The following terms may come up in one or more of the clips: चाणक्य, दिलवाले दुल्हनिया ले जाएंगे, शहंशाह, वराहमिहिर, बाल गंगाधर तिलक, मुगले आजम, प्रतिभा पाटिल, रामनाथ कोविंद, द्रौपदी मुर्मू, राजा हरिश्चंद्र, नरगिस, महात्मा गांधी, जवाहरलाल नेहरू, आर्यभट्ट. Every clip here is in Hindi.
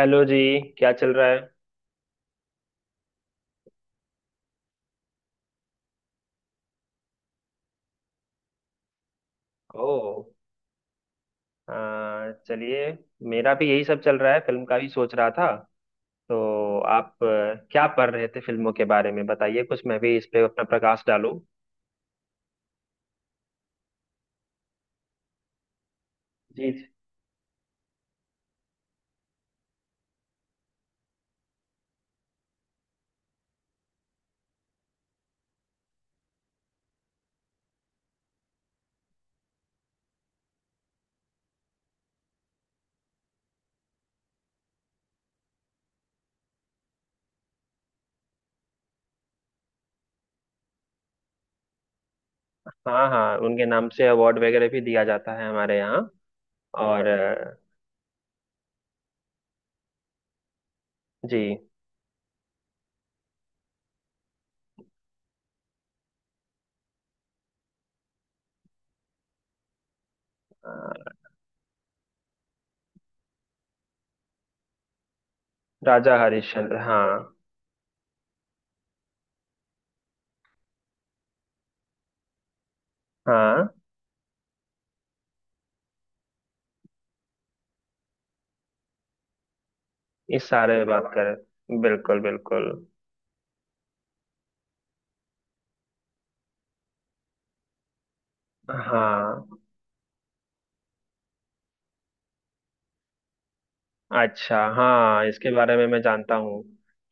हेलो जी। क्या चल रहा है? ओ। चलिए। मेरा भी यही सब चल रहा है, फिल्म का भी सोच रहा था। तो आप क्या पढ़ रहे थे फिल्मों के बारे में, बताइए कुछ, मैं भी इस पे अपना प्रकाश डालूं। जी जी। हाँ हाँ, उनके नाम से अवार्ड वगैरह भी दिया जाता है हमारे यहाँ। और जी। आ, राजा हरिश्चंद्र, हाँ। हाँ, इस सारे में बात करें, बिल्कुल बिल्कुल। हाँ, अच्छा। हाँ, इसके बारे में मैं जानता हूँ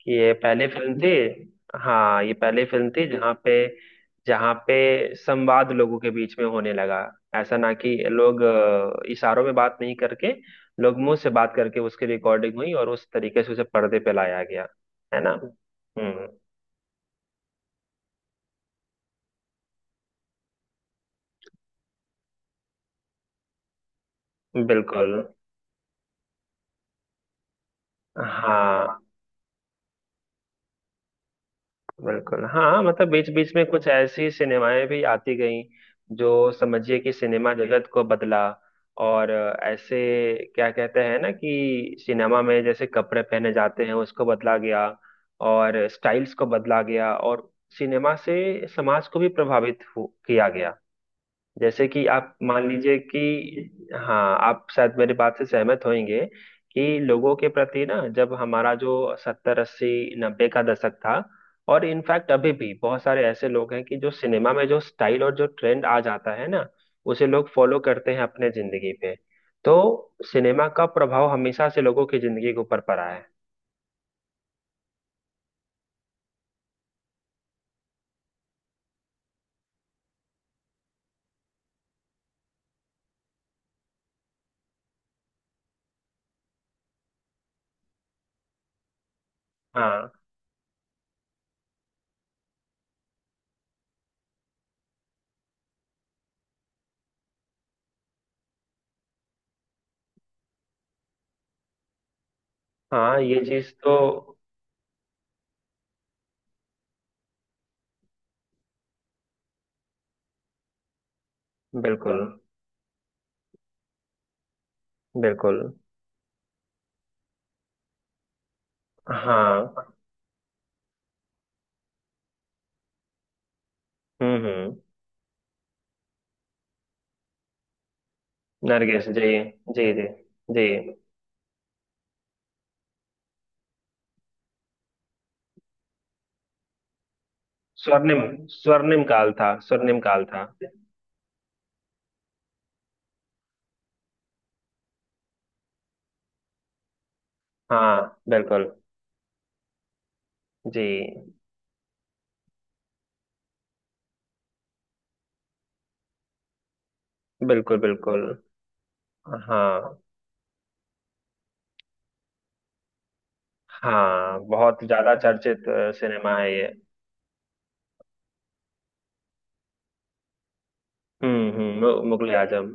कि ये पहली फिल्म थी। हाँ, ये पहली फिल्म थी जहाँ पे संवाद लोगों के बीच में होने लगा। ऐसा ना कि लोग इशारों में बात नहीं करके, लोग मुंह से बात करके उसकी रिकॉर्डिंग हुई और उस तरीके से उसे पर्दे पे लाया गया। है ना? हम्म। बिल्कुल, हाँ। बिल्कुल, हाँ। मतलब बीच बीच में कुछ ऐसी सिनेमाएं भी आती गईं जो, समझिए कि, सिनेमा जगत को बदला। और ऐसे क्या कहते हैं ना कि सिनेमा में जैसे कपड़े पहने जाते हैं, उसको बदला गया, और स्टाइल्स को बदला गया, और सिनेमा से समाज को भी प्रभावित किया गया। जैसे कि आप मान लीजिए कि, हाँ, आप शायद मेरी बात से सहमत होंगे कि लोगों के प्रति ना, जब हमारा जो सत्तर अस्सी नब्बे का दशक था, और इनफैक्ट अभी भी बहुत सारे ऐसे लोग हैं कि जो सिनेमा में जो स्टाइल और जो ट्रेंड आ जाता है ना, उसे लोग फॉलो करते हैं अपने जिंदगी पे। तो सिनेमा का प्रभाव हमेशा से लोगों की जिंदगी के ऊपर पड़ा है। हाँ। हाँ, ये चीज तो, बिल्कुल बिल्कुल। हाँ। हम्म। नरगिस जी। जी जी। जी। स्वर्णिम स्वर्णिम काल था। स्वर्णिम काल था। हाँ, बिल्कुल। जी। बिल्कुल बिल्कुल। हाँ हाँ, बहुत ज्यादा चर्चित सिनेमा है ये। हम्म। मुगले आजम।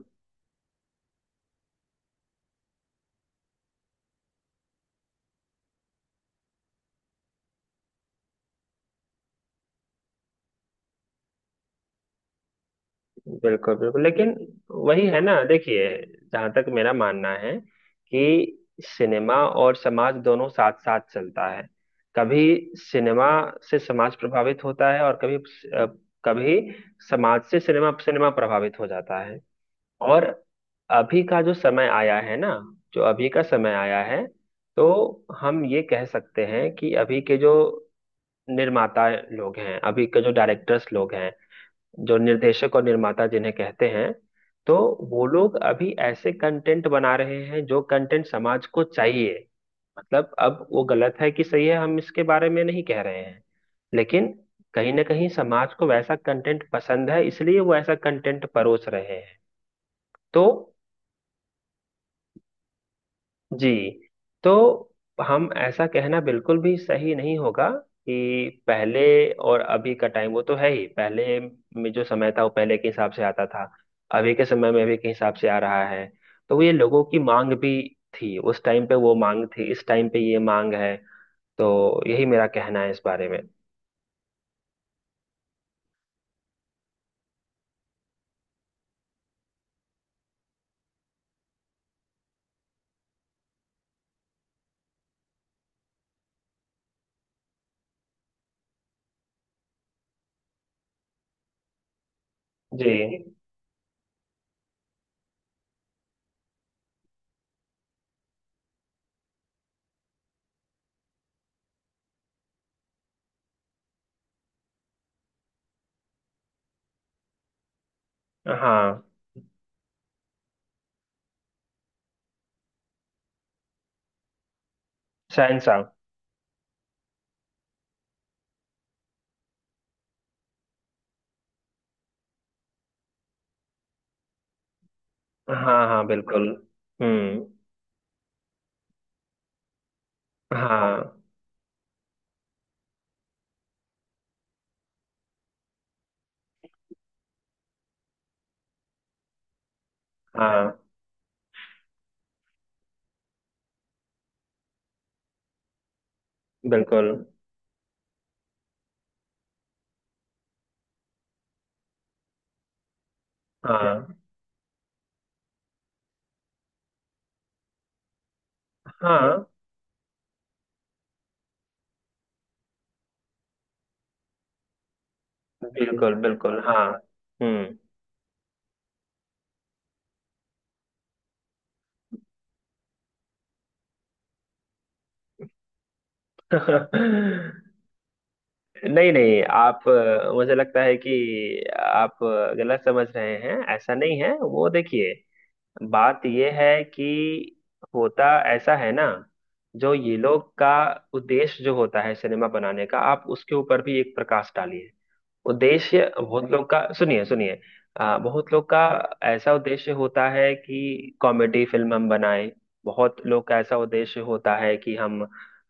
बिल्कुल बिल्कुल, लेकिन वही है ना, देखिए, जहां तक मेरा मानना है कि सिनेमा और समाज दोनों साथ साथ चलता है। कभी सिनेमा से समाज प्रभावित होता है, और कभी कभी समाज से सिनेमा सिनेमा प्रभावित हो जाता है। और अभी का जो समय आया है ना, जो अभी का समय आया है, तो हम ये कह सकते हैं कि अभी के जो निर्माता लोग हैं, अभी के जो डायरेक्टर्स लोग हैं, जो निर्देशक और निर्माता जिन्हें कहते हैं, तो वो लोग अभी ऐसे कंटेंट बना रहे हैं जो कंटेंट समाज को चाहिए। मतलब अब वो गलत है कि सही है, हम इसके बारे में नहीं कह रहे हैं, लेकिन कहीं ना कहीं समाज को वैसा कंटेंट पसंद है, इसलिए वो ऐसा कंटेंट परोस रहे हैं। तो जी, तो हम ऐसा कहना बिल्कुल भी सही नहीं होगा कि पहले और अभी का टाइम, वो तो है ही। पहले में जो समय था वो पहले के हिसाब से आता था, अभी के समय में अभी के हिसाब से आ रहा है। तो ये लोगों की मांग भी थी, उस टाइम पे वो मांग थी, इस टाइम पे ये मांग है। तो यही मेरा कहना है इस बारे में। जी। हाँ, शहंशाह। हाँ हाँ, बिल्कुल। हम्म। हाँ हाँ, बिल्कुल। हाँ हाँ, बिल्कुल बिल्कुल। हाँ। हम्म। नहीं नहीं, आप मुझे लगता है कि आप गलत समझ रहे हैं, ऐसा नहीं है वो। देखिए, बात ये है कि होता ऐसा है ना, जो ये लोग का उद्देश्य जो होता है सिनेमा बनाने का, आप उसके ऊपर भी एक प्रकाश डालिए। उद्देश्य बहुत लोग का, सुनिए सुनिए। बहुत लोग का ऐसा उद्देश्य होता है कि कॉमेडी फिल्म हम बनाएं। बहुत लोग का ऐसा उद्देश्य होता है कि हम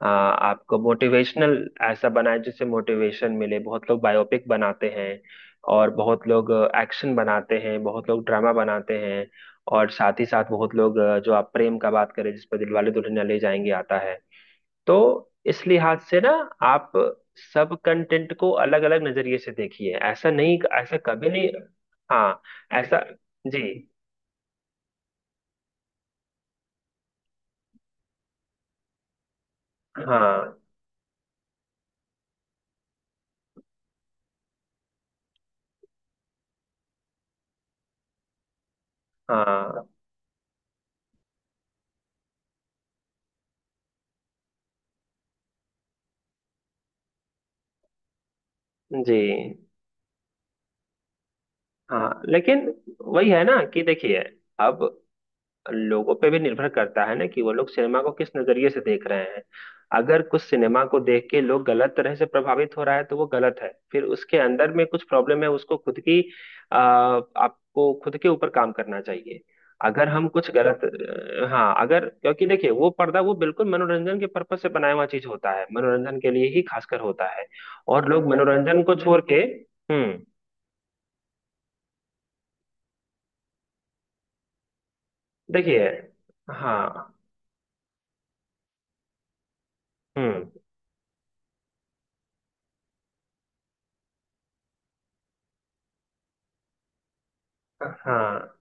आपको मोटिवेशनल ऐसा बनाएं जिससे मोटिवेशन मिले। बहुत लोग बायोपिक बनाते हैं, और बहुत लोग एक्शन बनाते हैं, बहुत लोग ड्रामा बनाते हैं। और साथ ही साथ बहुत लोग जो आप प्रेम का बात करें, जिस पर दिलवाले दुल्हनिया ले जाएंगे आता है। तो इस लिहाज से ना, आप सब कंटेंट को अलग अलग नजरिए से देखिए। ऐसा नहीं, ऐसा कभी नहीं। हाँ, ऐसा। जी। हाँ हाँ। जी हाँ, लेकिन वही है ना कि, देखिए, अब लोगों पे भी निर्भर करता है ना कि वो लोग सिनेमा को किस नजरिए से देख रहे हैं। अगर कुछ सिनेमा को देख के लोग गलत तरह से प्रभावित हो रहा है, तो वो गलत है। फिर उसके अंदर में कुछ प्रॉब्लम है, उसको खुद की, आपको खुद के ऊपर काम करना चाहिए। अगर हम कुछ गलत हाँ, अगर क्योंकि, देखिए, वो पर्दा वो बिल्कुल मनोरंजन के पर्पज से बनाया हुआ चीज होता है, मनोरंजन के लिए ही खासकर होता है। और लोग मनोरंजन को छोड़ के, हम्म, देखिए। हाँ। हम्म। हाँ।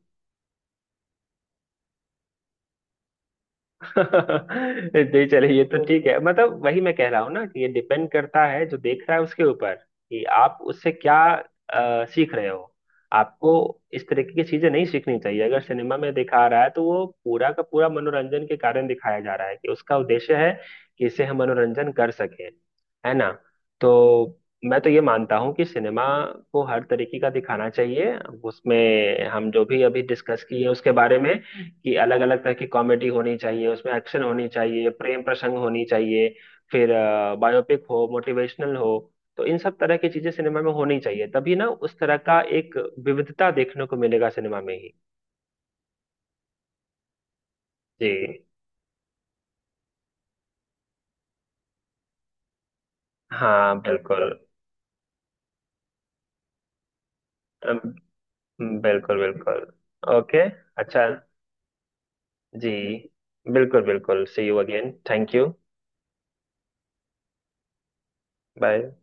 जी, चले ये तो ठीक है। मतलब वही मैं कह रहा हूँ ना कि ये डिपेंड करता है जो देख रहा है उसके ऊपर, कि आप उससे क्या सीख रहे हो। आपको इस तरीके की चीजें नहीं सीखनी चाहिए। अगर सिनेमा में दिखा रहा है, तो वो पूरा का पूरा मनोरंजन के कारण दिखाया जा रहा है, कि उसका उद्देश्य है कि इससे हम मनोरंजन कर सके। है ना? तो मैं तो ये मानता हूँ कि सिनेमा को हर तरीके का दिखाना चाहिए। उसमें हम जो भी अभी डिस्कस किए उसके बारे में, कि अलग अलग तरह की कॉमेडी होनी चाहिए, उसमें एक्शन होनी चाहिए, प्रेम प्रसंग होनी चाहिए, फिर बायोपिक हो, मोटिवेशनल हो। तो इन सब तरह की चीजें सिनेमा में होनी चाहिए, तभी ना उस तरह का एक विविधता देखने को मिलेगा सिनेमा में ही। जी हाँ, बिल्कुल। अम, बिल्कुल बिल्कुल। ओके, अच्छा। जी, बिल्कुल बिल्कुल। See you again, thank you. Bye.